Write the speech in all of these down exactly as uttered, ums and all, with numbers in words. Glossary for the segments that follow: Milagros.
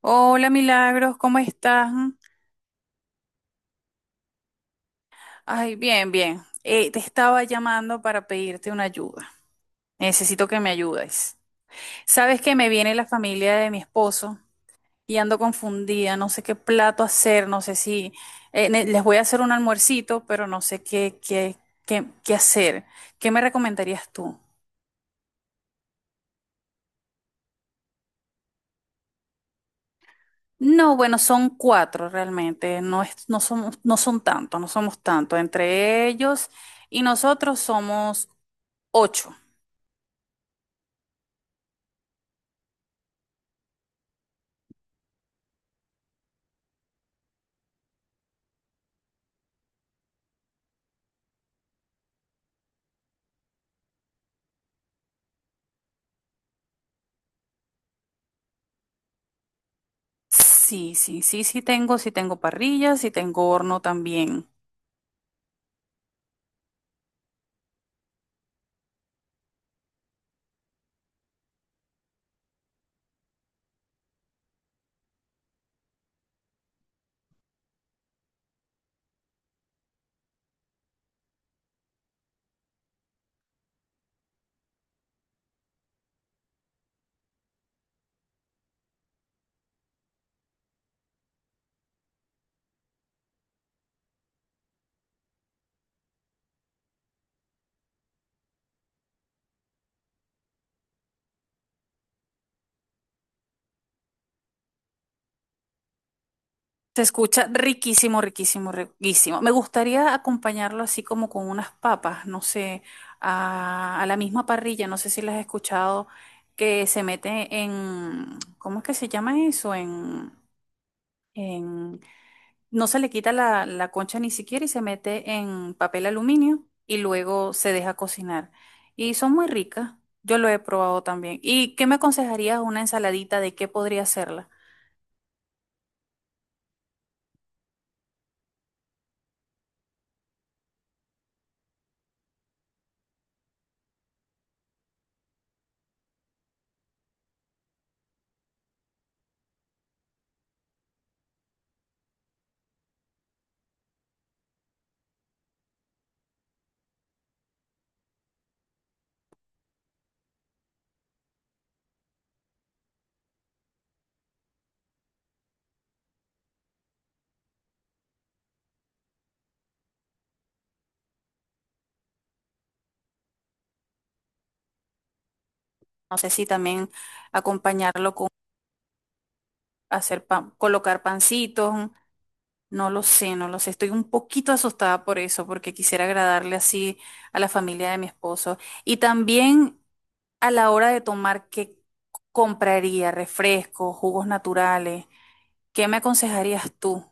Hola Milagros, ¿cómo estás? Ay, bien, bien. Eh, te estaba llamando para pedirte una ayuda. Necesito que me ayudes. Sabes que me viene la familia de mi esposo y ando confundida, no sé qué plato hacer, no sé si eh, ne- les voy a hacer un almuercito, pero no sé qué, qué, qué, qué hacer. ¿Qué me recomendarías tú? No, bueno, son cuatro realmente, no es, no somos, no son tantos, no somos tantos. Entre ellos y nosotros somos ocho. Sí, sí, sí, sí tengo, sí tengo parrilla, sí tengo horno también. Se escucha riquísimo, riquísimo, riquísimo. Me gustaría acompañarlo así como con unas papas, no sé, a, a la misma parrilla, no sé si las has escuchado, que se mete en, ¿cómo es que se llama eso? En, en No se le quita la, la concha ni siquiera y se mete en papel aluminio y luego se deja cocinar. Y son muy ricas. Yo lo he probado también. ¿Y qué me aconsejarías una ensaladita de qué podría hacerla? No sé si también acompañarlo con hacer pan, colocar pancitos. No lo sé, no lo sé. Estoy un poquito asustada por eso, porque quisiera agradarle así a la familia de mi esposo. Y también a la hora de tomar, ¿qué compraría? Refrescos, jugos naturales. ¿Qué me aconsejarías tú?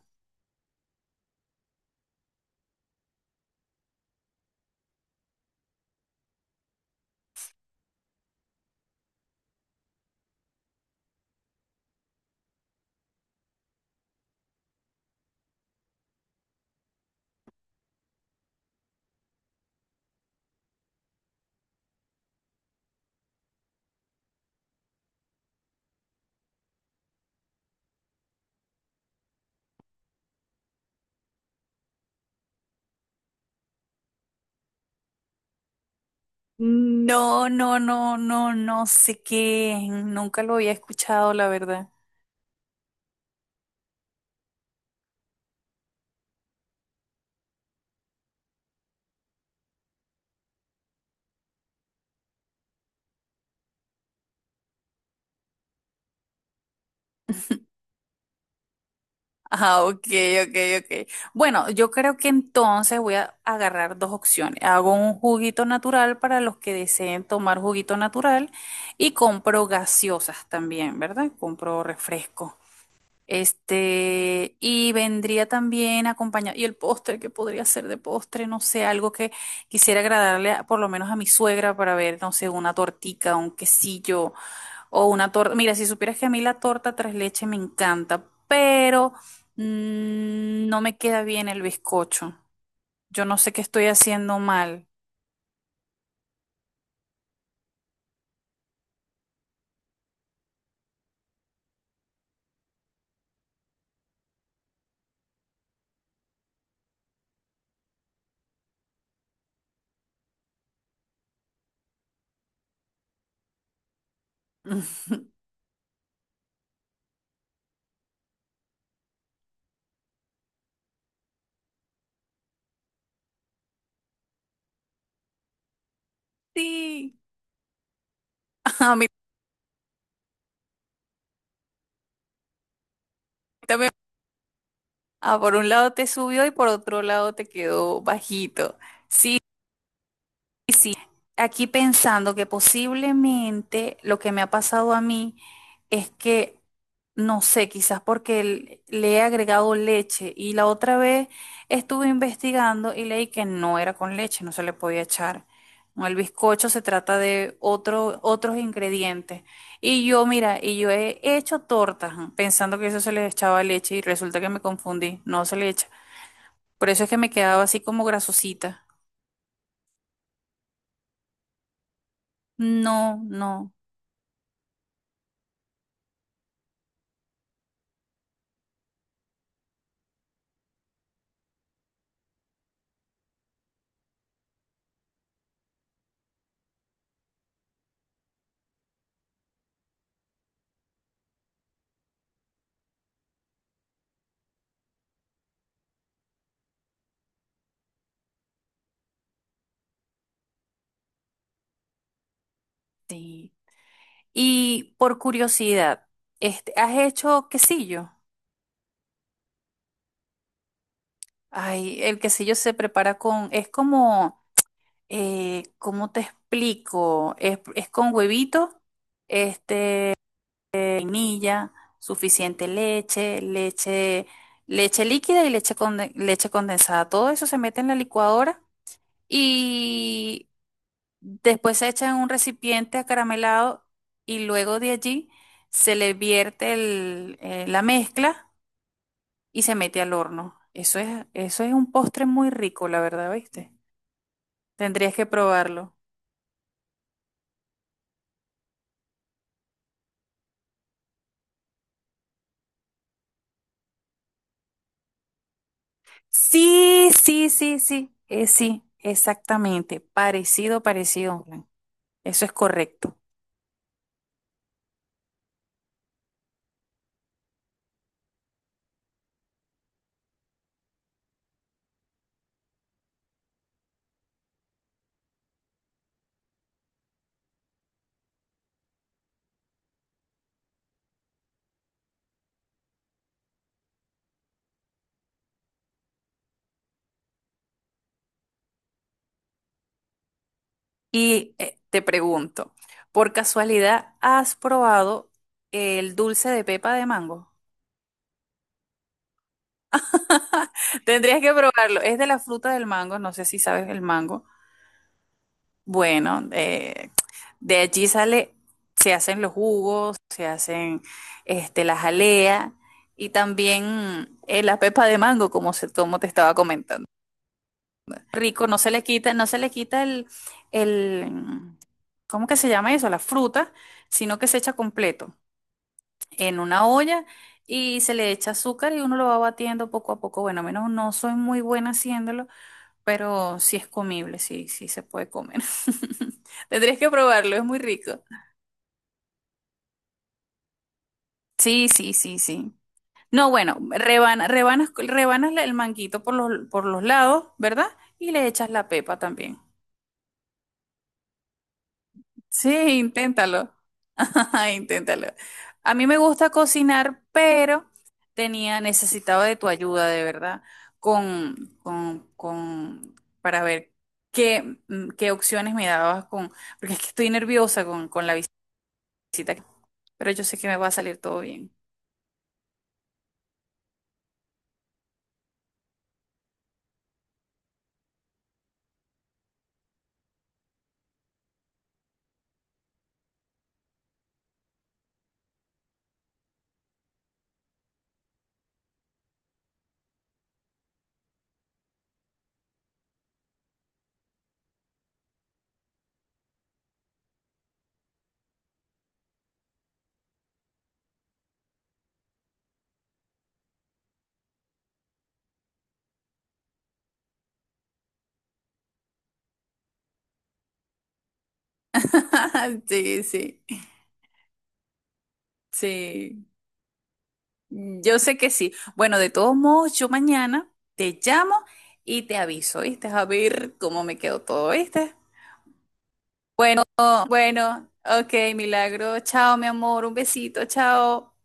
No, no, no, no, no sé qué. es, nunca lo había escuchado, la verdad. Ah, ok, ok, ok. Bueno, yo creo que entonces voy a agarrar dos opciones. Hago un juguito natural para los que deseen tomar juguito natural y compro gaseosas también, ¿verdad? Compro refresco. Este, y vendría también acompañado, y el postre, que podría ser de postre, no sé, algo que quisiera agradarle a- por lo menos a mi suegra para ver, no sé, una tortica, un quesillo o una torta. Mira, si supieras que a mí la torta tres leches me encanta, pero mm, no me queda bien el bizcocho. Yo no sé qué estoy haciendo mal. Sí, a mí también. Ah, por un lado te subió y por otro lado te quedó bajito. Sí. Sí, aquí pensando que posiblemente lo que me ha pasado a mí es que, no sé, quizás porque le le he agregado leche y la otra vez estuve investigando y leí que no era con leche, no se le podía echar. No, el bizcocho se trata de otro, otros ingredientes. Y yo, mira, y yo he hecho tortas, ¿no? Pensando que eso se le echaba leche y resulta que me confundí, no se le echa. Por eso es que me quedaba así como grasosita. No, no. Sí. Y por curiosidad, este, ¿has hecho quesillo? Ay, el quesillo se prepara con, es como, eh, ¿cómo te explico? Es, es con huevito, este, vainilla, suficiente leche, leche, leche líquida y leche, conde- leche condensada. Todo eso se mete en la licuadora y después se echa en un recipiente acaramelado y luego de allí se le vierte el- eh, la mezcla y se mete al horno. Eso es, eso es un postre muy rico, la verdad, ¿viste? Tendrías que probarlo. Sí, sí, sí, sí, eh, sí, exactamente. Parecido, parecido, Juan. Eso es correcto. Y eh, te pregunto, ¿por casualidad has probado el dulce de pepa de mango? Tendrías que probarlo. Es de la fruta del mango, no sé si sabes el mango. Bueno, eh, de allí sale, se hacen los jugos, se hacen este, la jalea y también eh, la pepa de mango, como, se, como te estaba comentando. Rico, no se le quita, no se le quita el, el, mm, ¿cómo que se llama eso? La fruta, sino que se echa completo en una olla y se le echa azúcar y uno lo va batiendo poco a poco. Bueno, a menos no no soy muy buena haciéndolo, pero sí es comible, sí, sí se puede comer. Tendrías que probarlo, es muy rico. Sí, sí, sí, sí. No, bueno, rebana, rebanas, rebanas el manguito por los, por los lados, ¿verdad? Y le echas la pepa también. Sí, inténtalo. Inténtalo. A mí me gusta cocinar, pero tenía, necesitaba de tu ayuda, de verdad, con, con, con, para ver qué, mm, qué opciones me dabas con, porque es que estoy nerviosa con, con la cita, pero yo sé que me va a salir todo bien. Sí, sí, sí. Yo sé que sí. Bueno, de todos modos, yo mañana te llamo y te aviso, ¿viste? A ver cómo me quedó todo, ¿viste? Oh, bueno, ok, Milagro. Chao, mi amor. Un besito, chao.